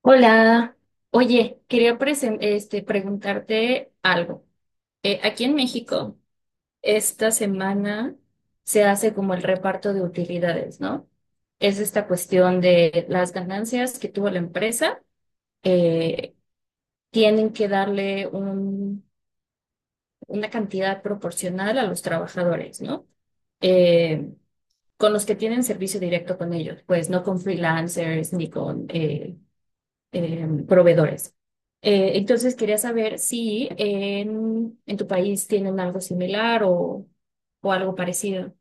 Hola, oye, quería preguntarte algo. Aquí en México, esta semana se hace como el reparto de utilidades, ¿no? Es esta cuestión de las ganancias que tuvo la empresa, eh, Tienen que darle una cantidad proporcional a los trabajadores, ¿no? Eh, con los que tienen servicio directo con ellos, pues no con freelancers ni con proveedores. Entonces quería saber si en tu país tienen algo similar o, algo parecido.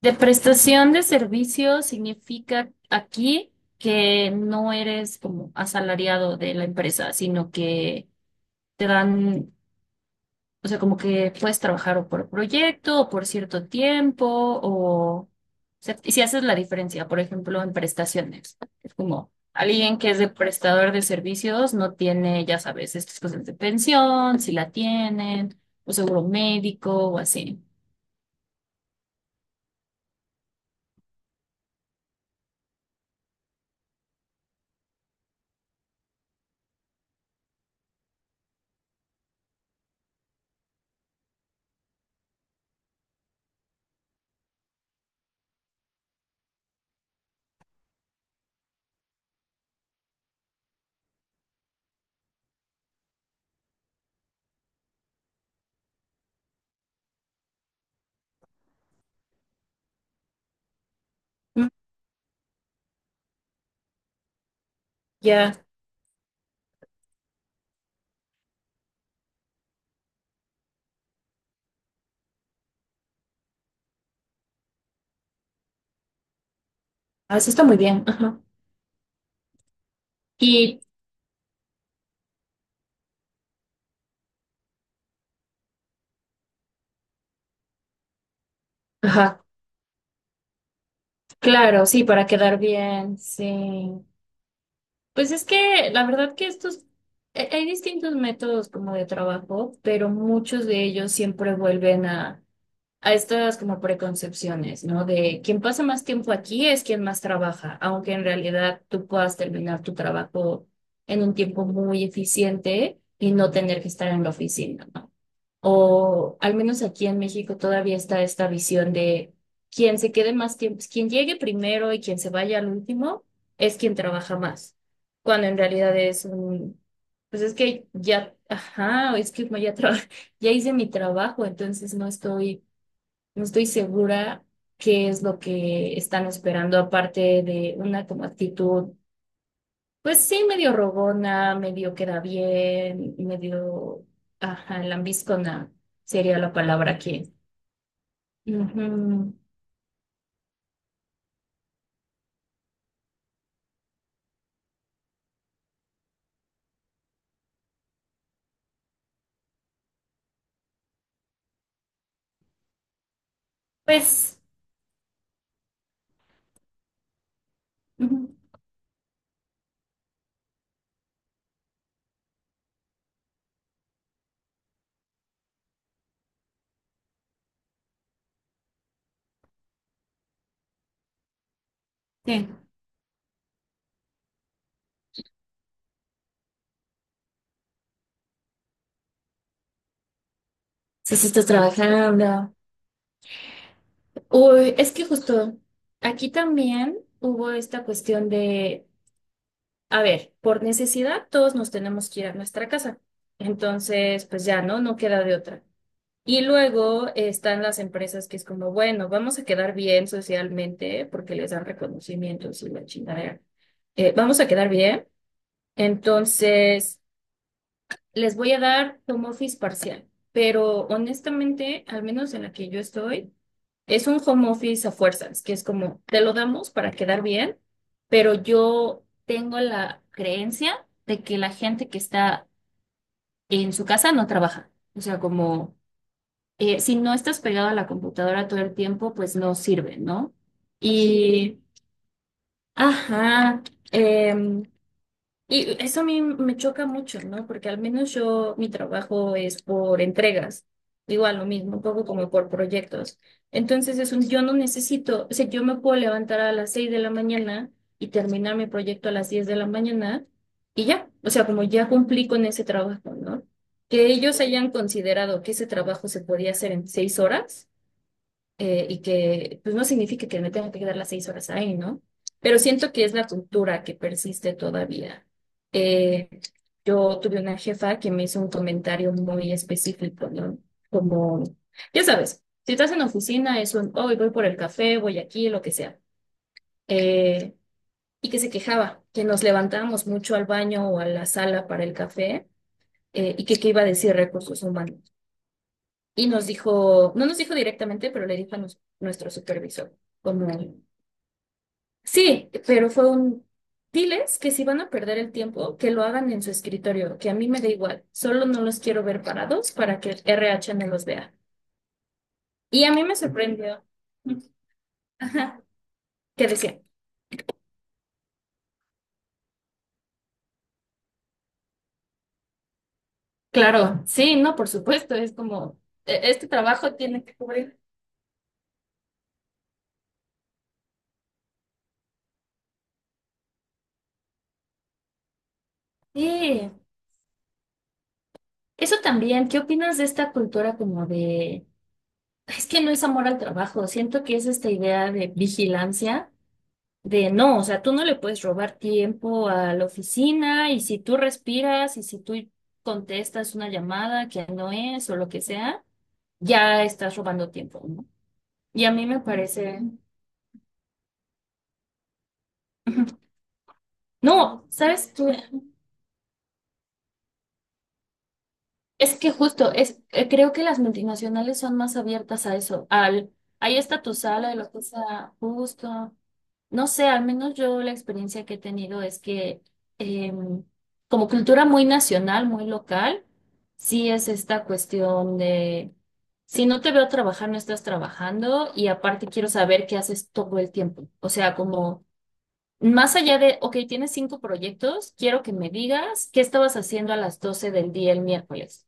De prestación de servicios significa aquí que no eres como asalariado de la empresa, sino que te dan. O sea, como que puedes trabajar o por proyecto o por cierto tiempo o sea, y si haces la diferencia, por ejemplo, en prestaciones. Es como alguien que es de prestador de servicios no tiene, ya sabes, estas cosas de pensión, si la tienen, o seguro médico o así. Mm, ya, así está muy bien. Ajá. Y, ajá, claro, sí, para quedar bien, sí. Pues es que la verdad que estos, hay distintos métodos como de trabajo, pero muchos de ellos siempre vuelven a estas como preconcepciones, ¿no? De quien pasa más tiempo aquí es quien más trabaja, aunque en realidad tú puedas terminar tu trabajo en un tiempo muy eficiente y no tener que estar en la oficina, ¿no? O al menos aquí en México todavía está esta visión de quien se quede más tiempo, quien llegue primero y quien se vaya al último es quien trabaja más, cuando en realidad es un, pues es que ya, ajá, es que ya ya hice mi trabajo, entonces no estoy segura qué es lo que están esperando, aparte de una como actitud pues sí, medio rogona, medio queda bien, medio, ajá, lambiscona sería la palabra aquí. Ujú. Pues, ujú, sí. Sí, sí, estás trabajando. Uy, es que justo aquí también hubo esta cuestión de, a ver, por necesidad todos nos tenemos que ir a nuestra casa. Entonces, pues ya, ¿no? No queda de otra. Y luego están las empresas que es como, bueno, vamos a quedar bien socialmente porque les dan reconocimientos y la chingadera. Vamos a quedar bien. Entonces, les voy a dar home office parcial. Pero honestamente, al menos en la que yo estoy, es un home office a fuerzas, que es como, te lo damos para quedar bien, pero yo tengo la creencia de que la gente que está en su casa no trabaja. O sea, como si no estás pegado a la computadora todo el tiempo, pues no sirve, ¿no? Sí. Y, ajá, em, y eso a mí me choca mucho, ¿no? Porque al menos yo, mi trabajo es por entregas, igual lo mismo, un poco como por proyectos. Entonces, yo no necesito, o sea, yo me puedo levantar a las 6 de la mañana y terminar mi proyecto a las 10 de la mañana y ya, o sea, como ya cumplí con ese trabajo, ¿no? Que ellos hayan considerado que ese trabajo se podía hacer en seis horas, y que pues no significa que me tenga que quedar las 6 horas ahí, ¿no? Pero siento que es la cultura que persiste todavía. Eh, yo tuve una jefa que me hizo un comentario muy específico, ¿no? Como, ya sabes, si estás en la oficina es un, hoy voy por el café, voy aquí, lo que sea. Eh, y que se quejaba, que nos levantábamos mucho al baño o a la sala para el café, y que qué iba a decir recursos humanos. Y nos dijo, no nos dijo directamente, pero le dijo a nuestro supervisor, como, sí, pero fue un, diles que si van a perder el tiempo, que lo hagan en su escritorio, que a mí me da igual, solo no los quiero ver parados para que el RH no los vea. Y a mí me sorprendió, ajá, que decía, claro, sí, no, por supuesto, es como, "Este trabajo tiene que cubrir." Sí, eso también, ¿qué opinas de esta cultura como de, es que no es amor al trabajo, siento que es esta idea de vigilancia de no, o sea, tú no le puedes robar tiempo a la oficina y si tú respiras y si tú contestas una llamada que no es o lo que sea, ya estás robando tiempo, ¿no? Y a mí me parece, no, ¿sabes tú? Es que justo, creo que las multinacionales son más abiertas a eso, al, ahí está tu sala y lo que sea justo. No sé, al menos yo la experiencia que he tenido es que em, como cultura muy nacional, muy local, sí es esta cuestión de, si no te veo trabajar, no estás trabajando y aparte quiero saber qué haces todo el tiempo. O sea, como más allá de, ok, tienes cinco proyectos, quiero que me digas qué estabas haciendo a las 12 del día el miércoles.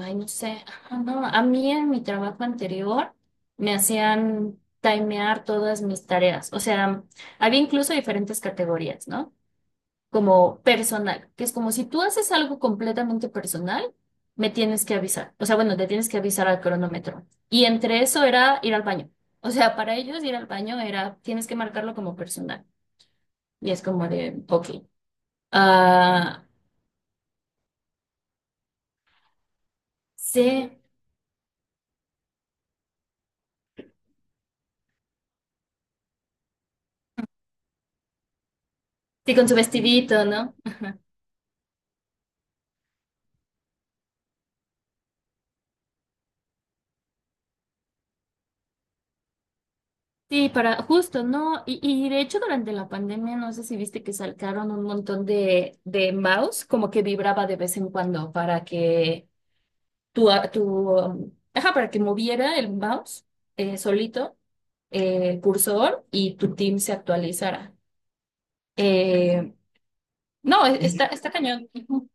Ay, no sé. Ah, no, a mí en mi trabajo anterior me hacían timear todas mis tareas. O sea, había incluso diferentes categorías, ¿no? Como personal, que es como si tú haces algo completamente personal, me tienes que avisar. O sea, bueno, te tienes que avisar al cronómetro. Y entre eso era ir al baño. O sea, para ellos ir al baño era, tienes que marcarlo como personal. Y es como de, ok. Ah, sí, sí, con su vestidito, ¿no? Sí, para justo, ¿no? Y de hecho durante la pandemia, no sé si viste que sacaron un montón de, mouse, como que vibraba de vez en cuando para que tu, ajá, para que moviera el mouse solito, el cursor y tu team se actualizara. Eh, no, está cañón. Ujú.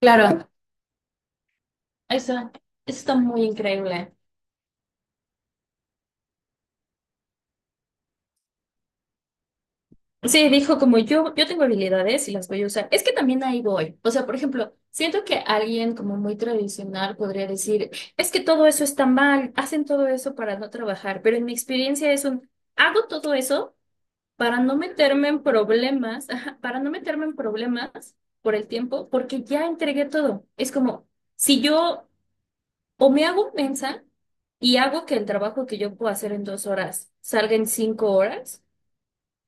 Claro, eso está muy increíble. Sí, dijo como yo tengo habilidades y las voy a usar. Es que también ahí voy. O sea, por ejemplo, siento que alguien como muy tradicional podría decir, es que todo eso está mal, hacen todo eso para no trabajar, pero en mi experiencia es un, hago todo eso para no meterme en problemas, ajá, para no meterme en problemas por el tiempo, porque ya entregué todo. Es como, si yo o me hago mensa y hago que el trabajo que yo puedo hacer en 2 horas salga en 5 horas.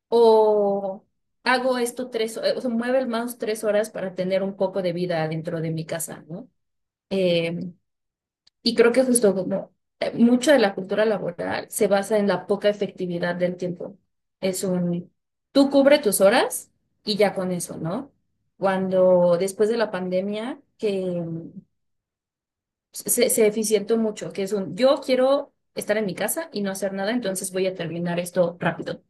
O hago esto o sea, mueve el mouse 3 horas para tener un poco de vida dentro de mi casa, ¿no? Eh, y creo que justo como mucha de la cultura laboral se basa en la poca efectividad del tiempo. Es un, tú cubre tus horas y ya con eso, ¿no? Cuando después de la pandemia, que se eficientó mucho, que es un, yo quiero estar en mi casa y no hacer nada, entonces voy a terminar esto rápido.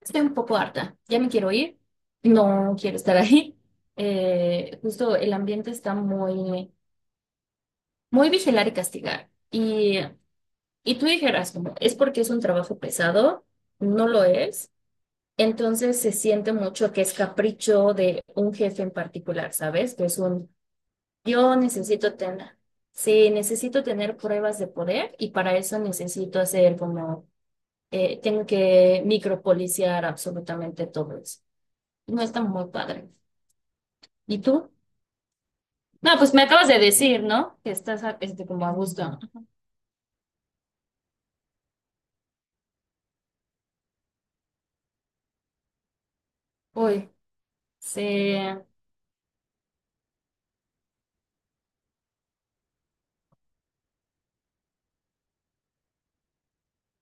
Estoy un poco harta, ya me quiero ir, no quiero estar ahí. Justo el ambiente está muy, muy vigilar y castigar. Y tú dijeras, como, es porque es un trabajo pesado, no lo es. Entonces se siente mucho que es capricho de un jefe en particular, ¿sabes? Que es un, yo necesito tener, sí, necesito tener pruebas de poder y para eso necesito hacer como, tengo que micropoliciar absolutamente todo eso. No está muy padre. ¿Y tú? No, pues me acabas de decir, ¿no? Que estás como a gusto. Uy, sí,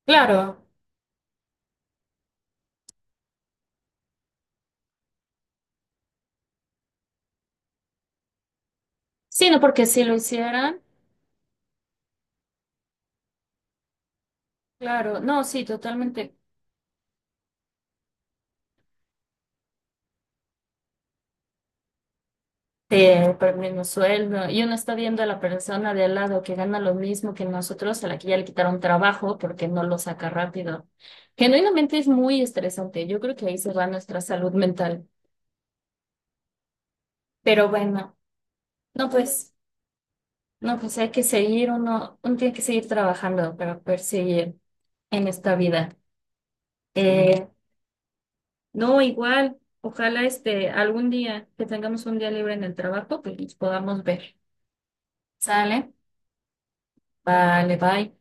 claro. Sí, no, porque si lo hicieran, claro. No, sí, totalmente. Te por el mismo sueldo. Y uno está viendo a la persona de al lado que gana lo mismo que nosotros, a la que ya le quitaron trabajo porque no lo saca rápido. Genuinamente es muy estresante. Yo creo que ahí se va nuestra salud mental. Pero bueno, no, pues, no, pues hay que seguir, uno tiene que seguir trabajando para perseguir en esta vida. Eh, no, igual, ojalá algún día que tengamos un día libre en el trabajo, pues nos podamos ver. ¿Sale? Vale, bye.